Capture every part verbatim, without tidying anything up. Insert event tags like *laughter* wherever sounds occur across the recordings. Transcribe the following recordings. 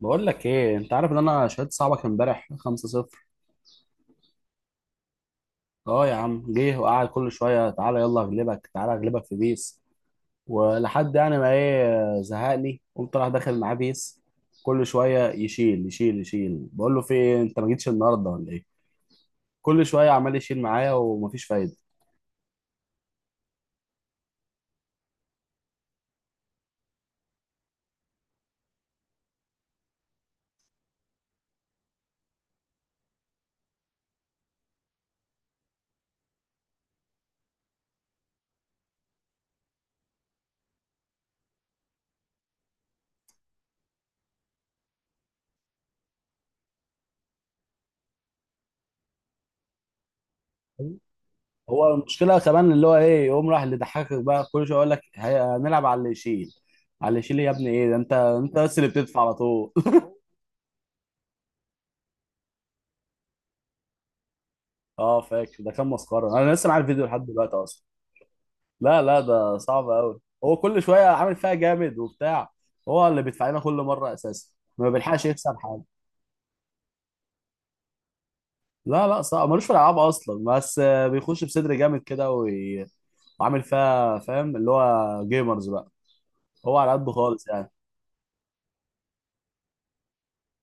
بقول لك ايه؟ انت عارف ان انا شهدت صاحبك امبارح خمسة صفر. اه يا عم، جه وقعد كل شويه، تعالى يلا اغلبك، تعالى اغلبك في بيس. ولحد يعني ما ايه، زهقني، قمت راح داخل معاه بيس. كل شويه يشيل يشيل يشيل. بقول له في ايه؟ انت ما جيتش النهارده ولا ايه؟ كل شويه عمال يشيل معايا ومفيش فايده. هو المشكله كمان اللي هو ايه، يقوم راح اللي ضحكك بقى كل شويه يقول لك هي- هنلعب على اللي يشيل، على اللي يشيل. إيه يا ابني ايه ده؟ انت انت بس اللي بتدفع على طول. اه فاكر، ده كان مسخره، انا لسه معايا الفيديو لحد دلوقتي اصلا. لا لا، ده صعب قوي، هو كل شويه عامل فيها جامد وبتاع. هو اللي بيدفع لنا كل مره اساسا، ما بيلحقش يكسب حاجه. لا لا، صعب، ملوش في الالعاب اصلا، بس آه، بيخش بصدر جامد كده وي- وعامل فيها فاهم، اللي هو جيمرز بقى. هو على قده خالص يعني.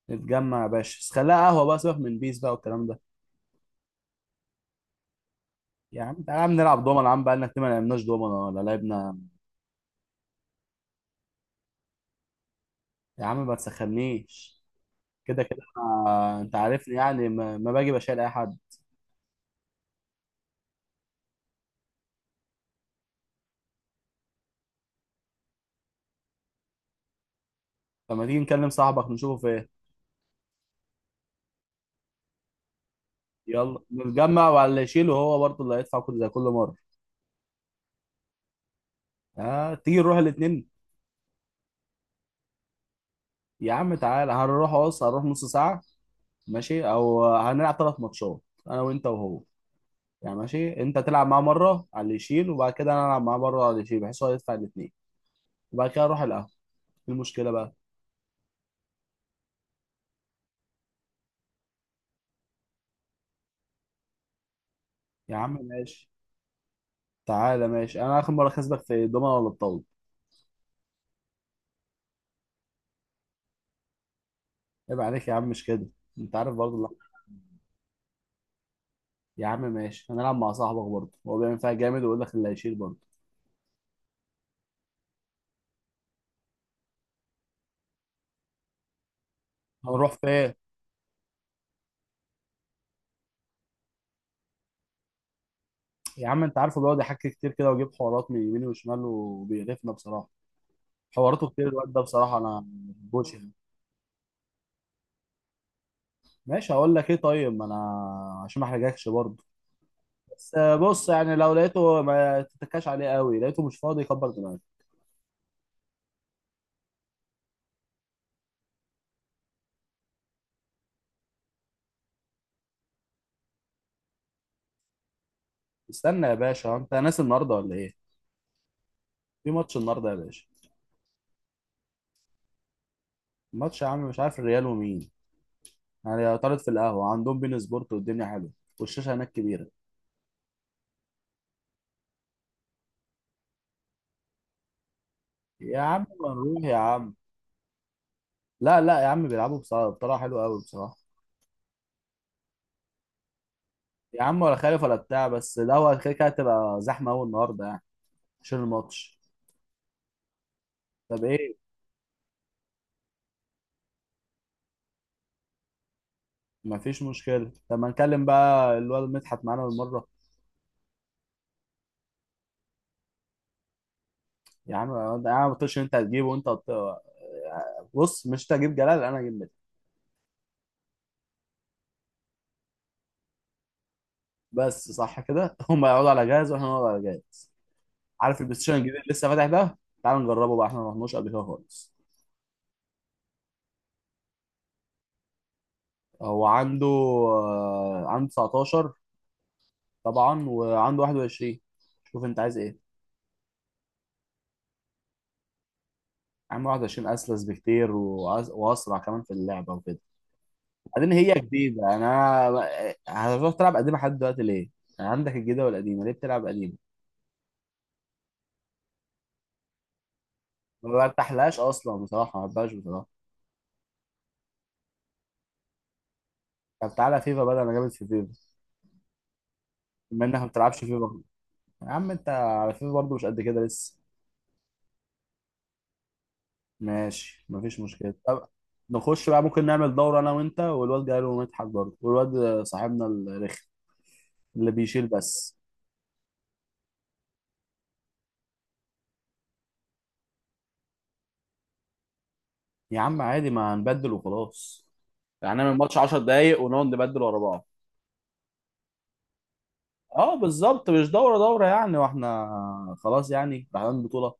نتجمع يا باشا، بس خليها قهوه بقى، سيبك من بيس بقى والكلام ده. يا عم تعالى يا عم نلعب دومنه، يا عم بقالنا كتير ما لعبناش دومنه ولا لعبنا. يا عم ما تسخنيش، كده كده أنا- انت عارفني يعني ما, ما باجي بشيل اي حد. فما تيجي نكلم صاحبك نشوفه فين. يلا نتجمع، وعلى يشيله هو برضه اللي هيدفع كل زي كل مره. آه، تيجي نروح الاثنين. يا عم تعالى، هنروح، بص هنروح نص ساعه، ماشي؟ او هنلعب ثلاث ماتشات، انا وانت وهو. يعني ماشي، انت تلعب معاه مره على اللي يشيل، وبعد كده انا العب معاه مره على اللي يشيل، بحيث هو يدفع الاثنين، وبعد كده اروح القهوه. ايه المشكله بقى؟ يا عم ماشي. تعالى ماشي، انا اخر مره كسبك في الدومنه ولا الطاوله؟ عيب عليك يا عم، مش كده، انت عارف برضه. يا عم ماشي، هنلعب مع صاحبك برضه، هو بيعمل فيها جامد ويقول لك اللي هيشيل برضه. هنروح فين؟ يا عم انت عارفه، بيقعد يحكي كتير كده ويجيب حوارات من يمين وشمال وبيقرفنا بصراحه. حواراته كتير، الواد ده بصراحه انا ما بحبوش يعني. ماشي، هقول لك ايه طيب، ما انا عشان ما احرجكش برضه بس. بص يعني، لو لقيته ما تتكاش عليه قوي، لقيته مش فاضي كبر دماغك. استنى يا باشا، انت ناس النهارده ولا ايه؟ في ماتش النهارده يا باشا. ماتش يا عم، مش عارف، الريال ومين. يعني طارد في القهوه عندهم، بين سبورت، والدنيا حلوه، والشاشه هناك كبيره. يا عم ما نروح يا عم. لا لا يا عم، بيلعبوا بصراحة بطريقة حلوة قوي بصراحة. يا عم ولا خالف ولا بتاع، بس ده هو كده كده هتبقى زحمة أوي النهاردة يعني، عشان الماتش. طب إيه؟ مفيش مشكلة، طب ما نكلم بقى الواد مدحت معانا بالمرة. يا عم أنا أنا ما قلتش إن أنت هتجيبه وأنت هت- بص، مش أنت هتجيب جلال، أنا هجيب مدحت. بس صح كده. *laughs* هما يقعدوا على جهاز وإحنا نقعد على جهاز. عارف البلاي ستيشن الجديد اللي لسه فاتح ده؟ تعال نجربه بقى، إحنا ما رحناش قبل كده خالص. هو عنده آه، عنده تسعتاشر طبعا، وعنده واحد وعشرين، شوف انت عايز ايه. عنده واحد وعشرين اسلس بكتير وأس- واسرع كمان في اللعبه وكده. بعدين هي جديده، انا ب- هتروح تلعب قديمه لحد دلوقتي ليه؟ يعني عندك الجديده والقديمه، ليه بتلعب قديمه؟ ما برتاحلهاش اصلا بصراحه، ما بحبهاش بصراحه. طب تعالى فيفا بدل، انا جامد في فيفا، بما انك ما بتلعبش فيفا. يا عم انت على فيفا برضه مش قد كده لسه. ماشي مفيش مشكله، طب. نخش بقى، ممكن نعمل دورة أنا وأنت والواد جاي له مدحت برضه والواد صاحبنا الرخم اللي بيشيل بس. يا عم عادي، ما هنبدل وخلاص، يعني نعمل ماتش 10 دقايق ونقعد نبدل ورا بعض. اه بالظبط، مش دورة دورة يعني، واحنا خلاص يعني رايحين بطولة.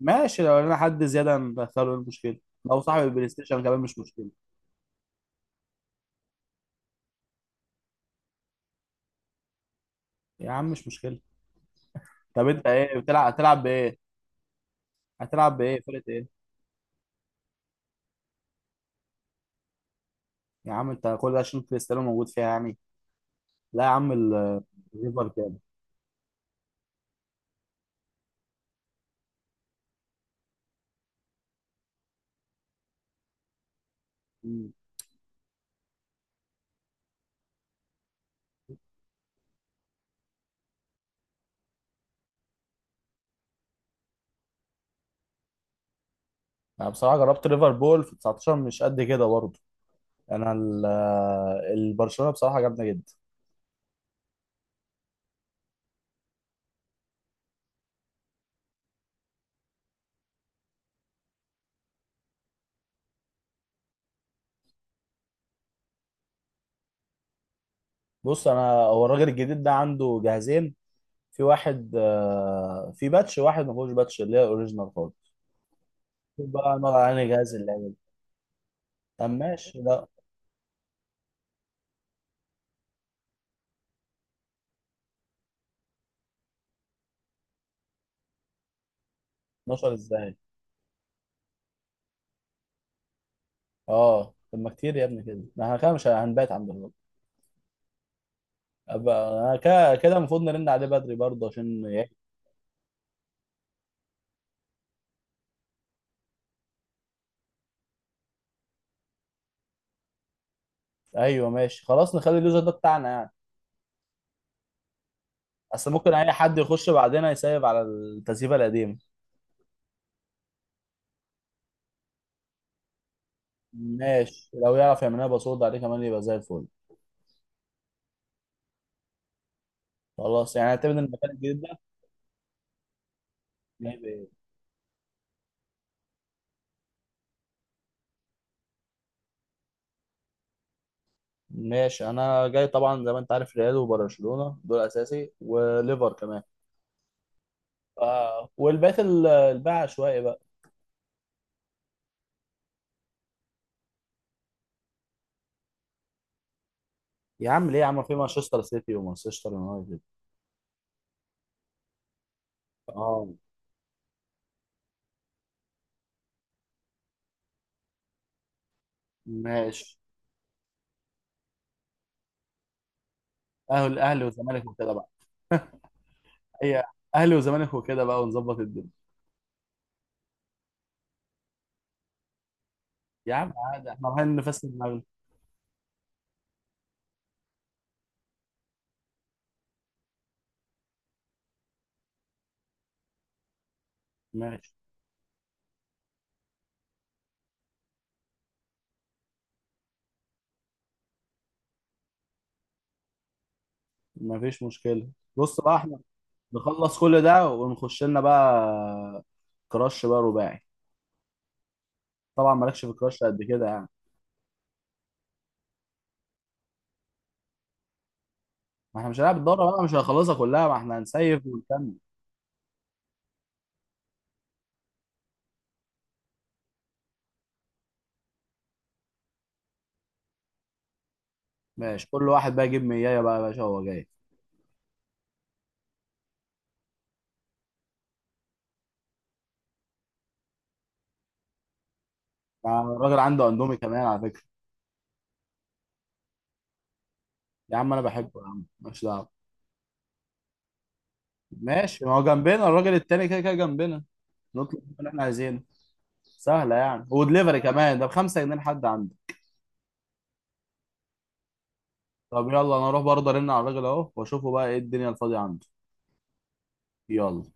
ماشي، لو لنا حد زيادة ندخله، إيه المشكلة؟ لو صاحب البلاي ستيشن كمان مش مشكلة. يا عم مش مشكلة. طب انت ايه بتلعب، هتلعب بايه؟ هتلعب بايه، فرقة ايه؟ يا عم انت كل ده عشان كريستيانو موجود فيها يعني؟ لا يا عم، ال- الريفر كده. مم. انا بصراحة جربت ليفربول في تسعتاشر مش قد كده برضه. انا ال- البرشلونة بصراحة جامدة جدا. بص، انا هو الراجل الجديد ده عنده جهازين. في واحد آه، في باتش، واحد ما فيهوش باتش، اللي هي الاوريجينال خالص. شوف بقى نقعد على انهي جهاز اللي هيجي. طب ماشي. لا، اتناشر ازاي؟ اه طب ما كتير يا ابني كده، ما احنا كده مش هنبات عند الراجل. أبقى- انا كده كده المفروض نرن عليه بدري برضه عشان ي- ايوه ماشي خلاص، نخلي اليوزر ده بتاعنا يعني. اصل ممكن اي حد يخش بعدنا يسيب على التسييفه القديمه. ماشي، لو يعرف يعمل لنا باسورد عليه كمان يبقى زي الفل. خلاص يعني، اعتمد المكان الجديد ده. ماشي، انا جاي طبعا زي ما انت عارف ريال وبرشلونه، دول اساسي، وليفر كمان. آه. والباقي ال- الباقي عشوائي بقى. يا عم ليه يا عم، في مانشستر سيتي ومانشستر يونايتد. اه ماشي، اهل اهلي والزمالك وكده بقى. هي اهلي والزمالك وكده بقى، ونظبط الدنيا. يا عم عادي، احنا رايحين نفسد دماغنا. ماشي مفيش مشكله. بص بقى، احنا نخلص كل ده ونخش لنا بقى كراش بقى رباعي. طبعا مالكش في الكراش قد كده يعني. ما احنا مش هنلعب الدورة بقى، مش هنخلصها كلها، ما احنا هنسيف ونكمل. ماشي، كل واحد بقى يجيب ميه بقى يا باشا وهو جاي. آه، الراجل عنده اندومي كمان على فكرة. يا عم انا بحبه يا عم، ماليش دعوة. ماشي، ما هو جنبنا الراجل التاني كده كده جنبنا، نطلب اللي احنا عايزينه. سهلة يعني، ودليفري كمان ده بخمسة جنيه لحد عنده. طب يلا انا اروح برضه ارن على الراجل اهو، واشوفه بقى ايه الدنيا الفاضية عنده. يلا